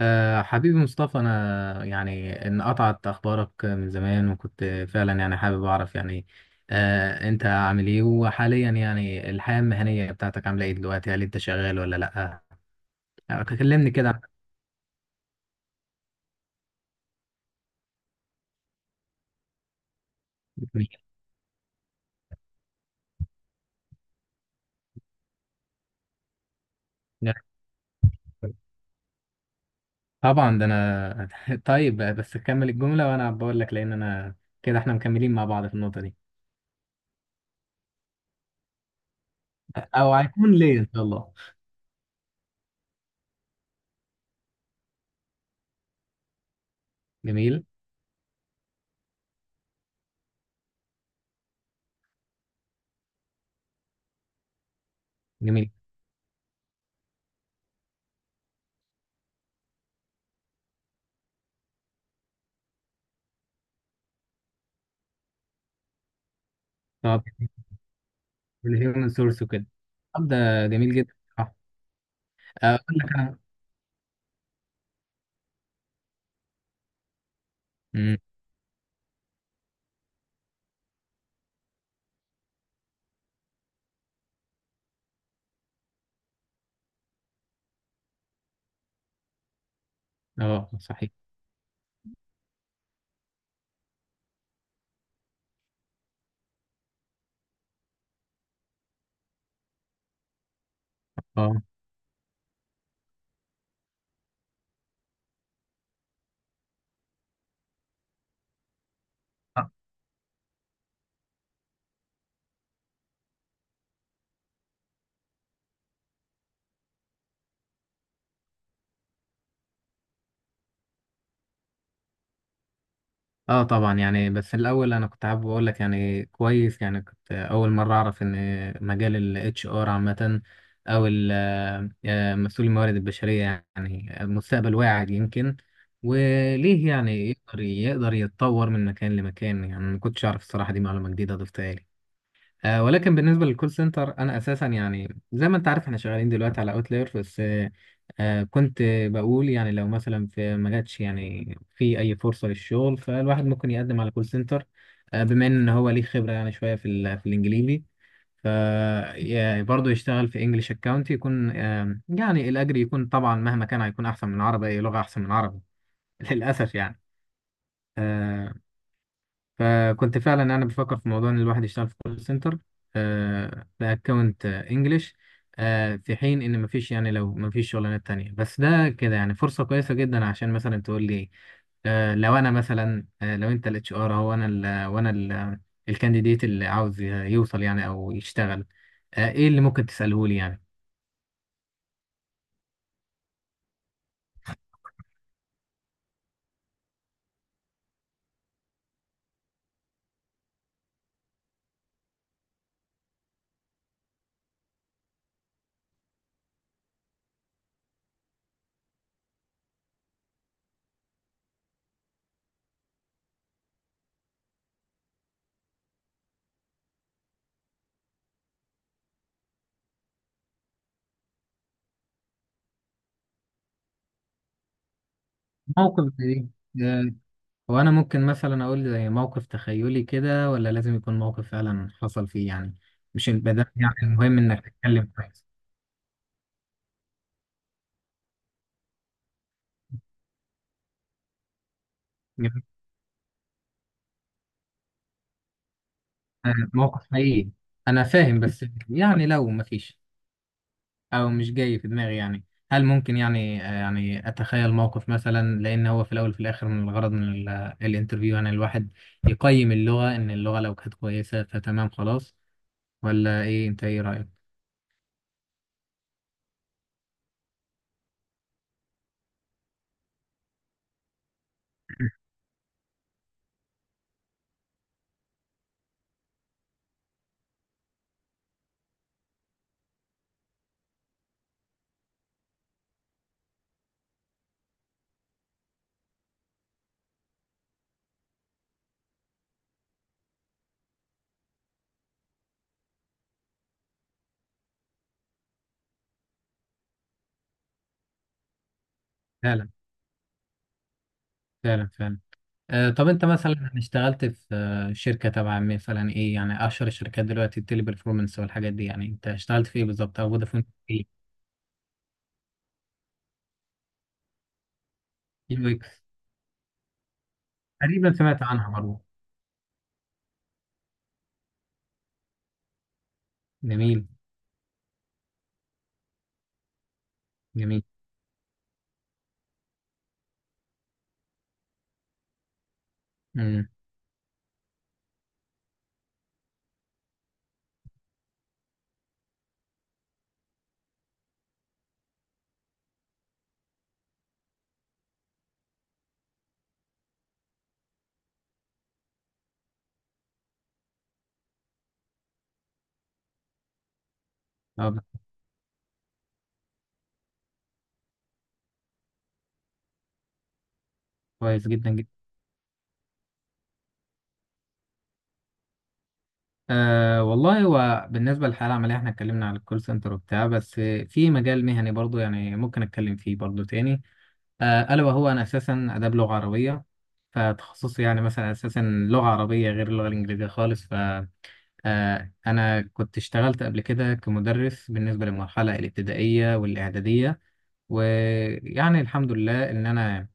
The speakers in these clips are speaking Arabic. أه حبيبي مصطفى، أنا يعني إن قطعت أخبارك من زمان، وكنت فعلا يعني حابب أعرف يعني أنت عامل إيه؟ وحاليا يعني الحياة المهنية بتاعتك عاملة إيه دلوقتي؟ هل أنت شغال ولا لأ؟ آه، كلمني كده. عن- طبعا ده أنا. طيب بس كمل الجملة وأنا بقول لك، لأن أنا كده إحنا مكملين مع بعض في النقطة دي. أو هيكون ليه إن شاء الله. جميل. جميل. طب الهيومن سورس وكده. طب ده جميل جدا. أقول لك أنا. اه صحيح. اه. اه. آه طبعا يعني، بس الاول انا كنت حابب اقول لك، يعني كويس، يعني كنت اول مره اعرف ان مجال الاتش ار عامه، او ال- مسؤول الموارد البشريه، يعني المستقبل واعد يمكن، وليه يعني يقدر يتطور من مكان لمكان. يعني ما كنتش اعرف الصراحه، دي معلومه جديده ضفتها لي. ولكن بالنسبه للكول سنتر، انا اساسا يعني زي ما انت عارف احنا شغالين دلوقتي على اوتلاير بس. كنت بقول يعني لو مثلا في ما جاتش يعني في اي فرصه للشغل، فالواحد ممكن يقدم على كول سنتر، بما ان هو ليه خبره يعني شويه في الانجليزي. ف برضه يشتغل في انجلش اكاونت، يكون يعني الاجر يكون طبعا مهما كان هيكون احسن من العربي. اي لغه احسن من العربي للاسف يعني. آه، فكنت فعلا انا بفكر في موضوع ان الواحد يشتغل في كول سنتر باكونت انجلش، في حين ان مفيش، يعني لو مفيش شغلانات تانية. بس ده كده يعني فرصة كويسة جدا، عشان مثلا تقول لي، لو انا مثلا، لو انت الاتش ار، هو انا ال وانا ال الكانديديت اللي عاوز يوصل يعني او يشتغل، ايه اللي ممكن تساله لي يعني؟ موقف زي ده؟ هو انا ممكن مثلا اقول زي موقف تخيلي كده، ولا لازم يكون موقف فعلا حصل فيه يعني؟ مش البداية، يعني المهم انك تتكلم كويس. يبقى موقف حقيقي. انا فاهم، بس يعني لو مفيش او مش جاي في دماغي، يعني هل ممكن يعني يعني اتخيل موقف مثلا؟ لان هو في الاول وفي الاخر، من الغرض من الانترفيو يعني الواحد يقيم اللغة، ان اللغة لو كانت كويسة فتمام خلاص. ولا ايه؟ انت ايه رأيك؟ فعلا، فعلا، فعلا. طب انت مثلا اشتغلت في شركة تبع مثلا ايه؟ يعني اشهر الشركات دلوقتي التيلي performance والحاجات دي، يعني انت اشتغلت في ايه بالظبط؟ او فودافون في ايه؟ يو اكس. تقريبا سمعت عنها برضه. جميل. جميل. امم. طب كويس جدا جدا. أه والله، هو بالنسبة للحالة العملية احنا اتكلمنا على الكول سنتر وبتاع، بس في مجال مهني برضه يعني ممكن اتكلم فيه برضه تاني. ألا وهو أنا أساسا آداب لغة عربية، فتخصصي يعني مثلا أساسا لغة عربية، غير اللغة الإنجليزية خالص. أنا كنت اشتغلت قبل كده كمدرس بالنسبة للمرحلة الابتدائية والإعدادية. ويعني الحمد لله إن أنا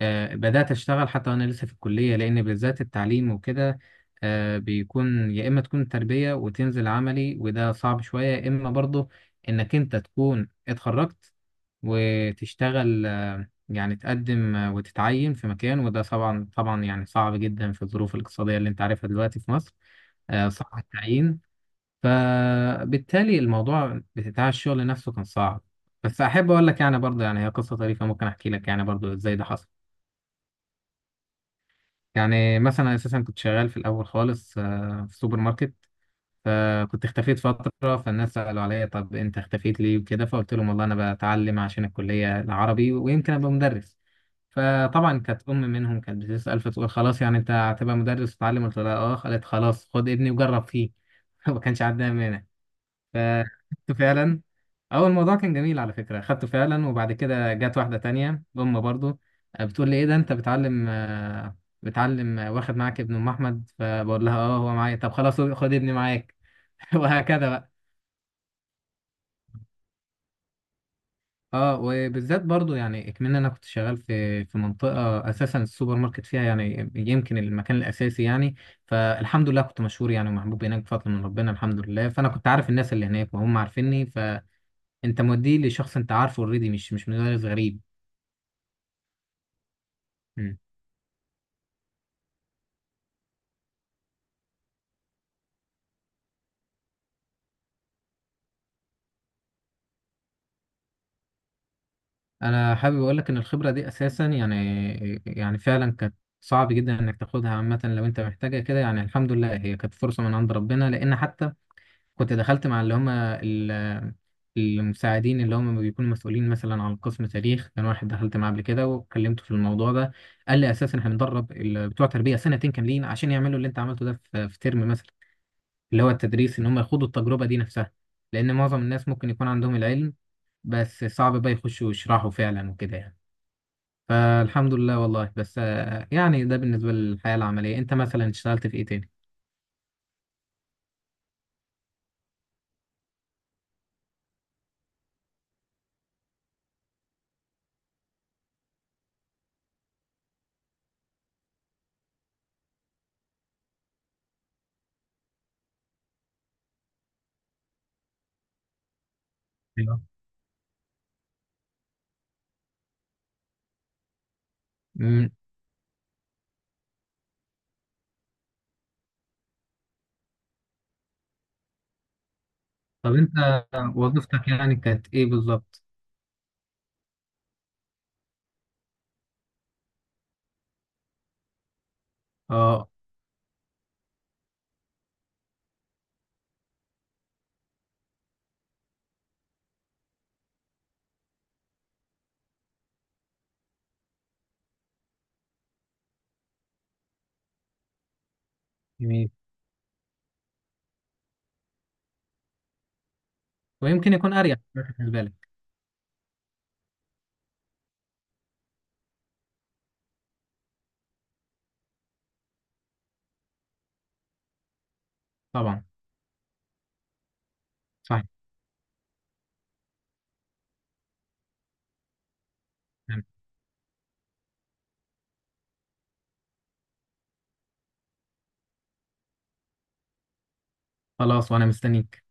بدأت أشتغل حتى وأنا لسه في الكلية، لأن بالذات التعليم وكده بيكون يا إما تكون تربية وتنزل عملي، وده صعب شوية، يا إما برضه إنك أنت تكون اتخرجت وتشتغل، يعني تقدم وتتعين في مكان، وده طبعا طبعا يعني صعب جدا في الظروف الاقتصادية اللي أنت عارفها دلوقتي في مصر. صعب التعيين، فبالتالي الموضوع بتاع الشغل نفسه كان صعب. بس احب اقول لك يعني برضه، يعني هي قصه طريفه، ممكن احكي لك يعني برضه ازاي ده حصل. يعني مثلا اساسا كنت شغال في الاول خالص في سوبر ماركت. فكنت اختفيت فتره، فالناس سالوا عليا طب انت اختفيت ليه وكده، فقلت لهم والله انا بتعلم عشان الكليه العربي ويمكن ابقى مدرس. فطبعا كانت ام منهم كانت بتسال، فتقول خلاص يعني انت هتبقى مدرس وتتعلم؟ قلت لها اه، قالت خلاص خد ابني وجرب فيه. ما كانش عندها مانع. فاخدته فعلا، اول الموضوع كان جميل على فكره. خدته فعلا، وبعد كده جت واحده تانية ام برضو بتقول لي ايه ده انت بتعلم؟ واخد معاك ابن ام احمد؟ فبقول لها اه هو معايا. طب خلاص خد ابني معاك. وهكذا بقى. اه وبالذات برضو يعني اكمن انا كنت شغال في منطقه اساسا السوبر ماركت فيها، يعني يمكن المكان الاساسي يعني. فالحمد لله كنت مشهور يعني ومحبوب هناك بفضل من ربنا، الحمد لله. فانا كنت عارف الناس اللي هناك وهم عارفيني. انت موديه لشخص انت عارفه اوريدي، مش مدرس غريب. مم. انا حابب اقول لك ان الخبره دي اساسا يعني، يعني فعلا كانت صعب جدا انك تاخدها عامه لو انت محتاجها كده. يعني الحمد لله هي كانت فرصه من عند ربنا، لان حتى كنت دخلت مع اللي هم المساعدين اللي هم بيكونوا مسؤولين مثلا عن قسم تاريخ، كان واحد دخلت معاه قبل كده وكلمته في الموضوع ده، قال لي اساسا احنا بندرب بتوع تربيه سنتين كاملين عشان يعملوا اللي انت عملته ده في ترم مثلا، اللي هو التدريس، ان هم يخوضوا التجربة دي نفسها. لان معظم الناس ممكن يكون عندهم العلم، بس صعب بقى يخشوا يشرحوا فعلا وكده يعني. فالحمد لله والله. بس يعني ده بالنسبة للحياة العملية. انت مثلا اشتغلت في ايه تاني؟ أيوة. مم. طب انت وظيفتك يعني كانت ايه بالظبط؟ اه جميل. ويمكن يكون اريح بالنسبة لك. طبعا. صحيح. خلاص وانا مستنيك.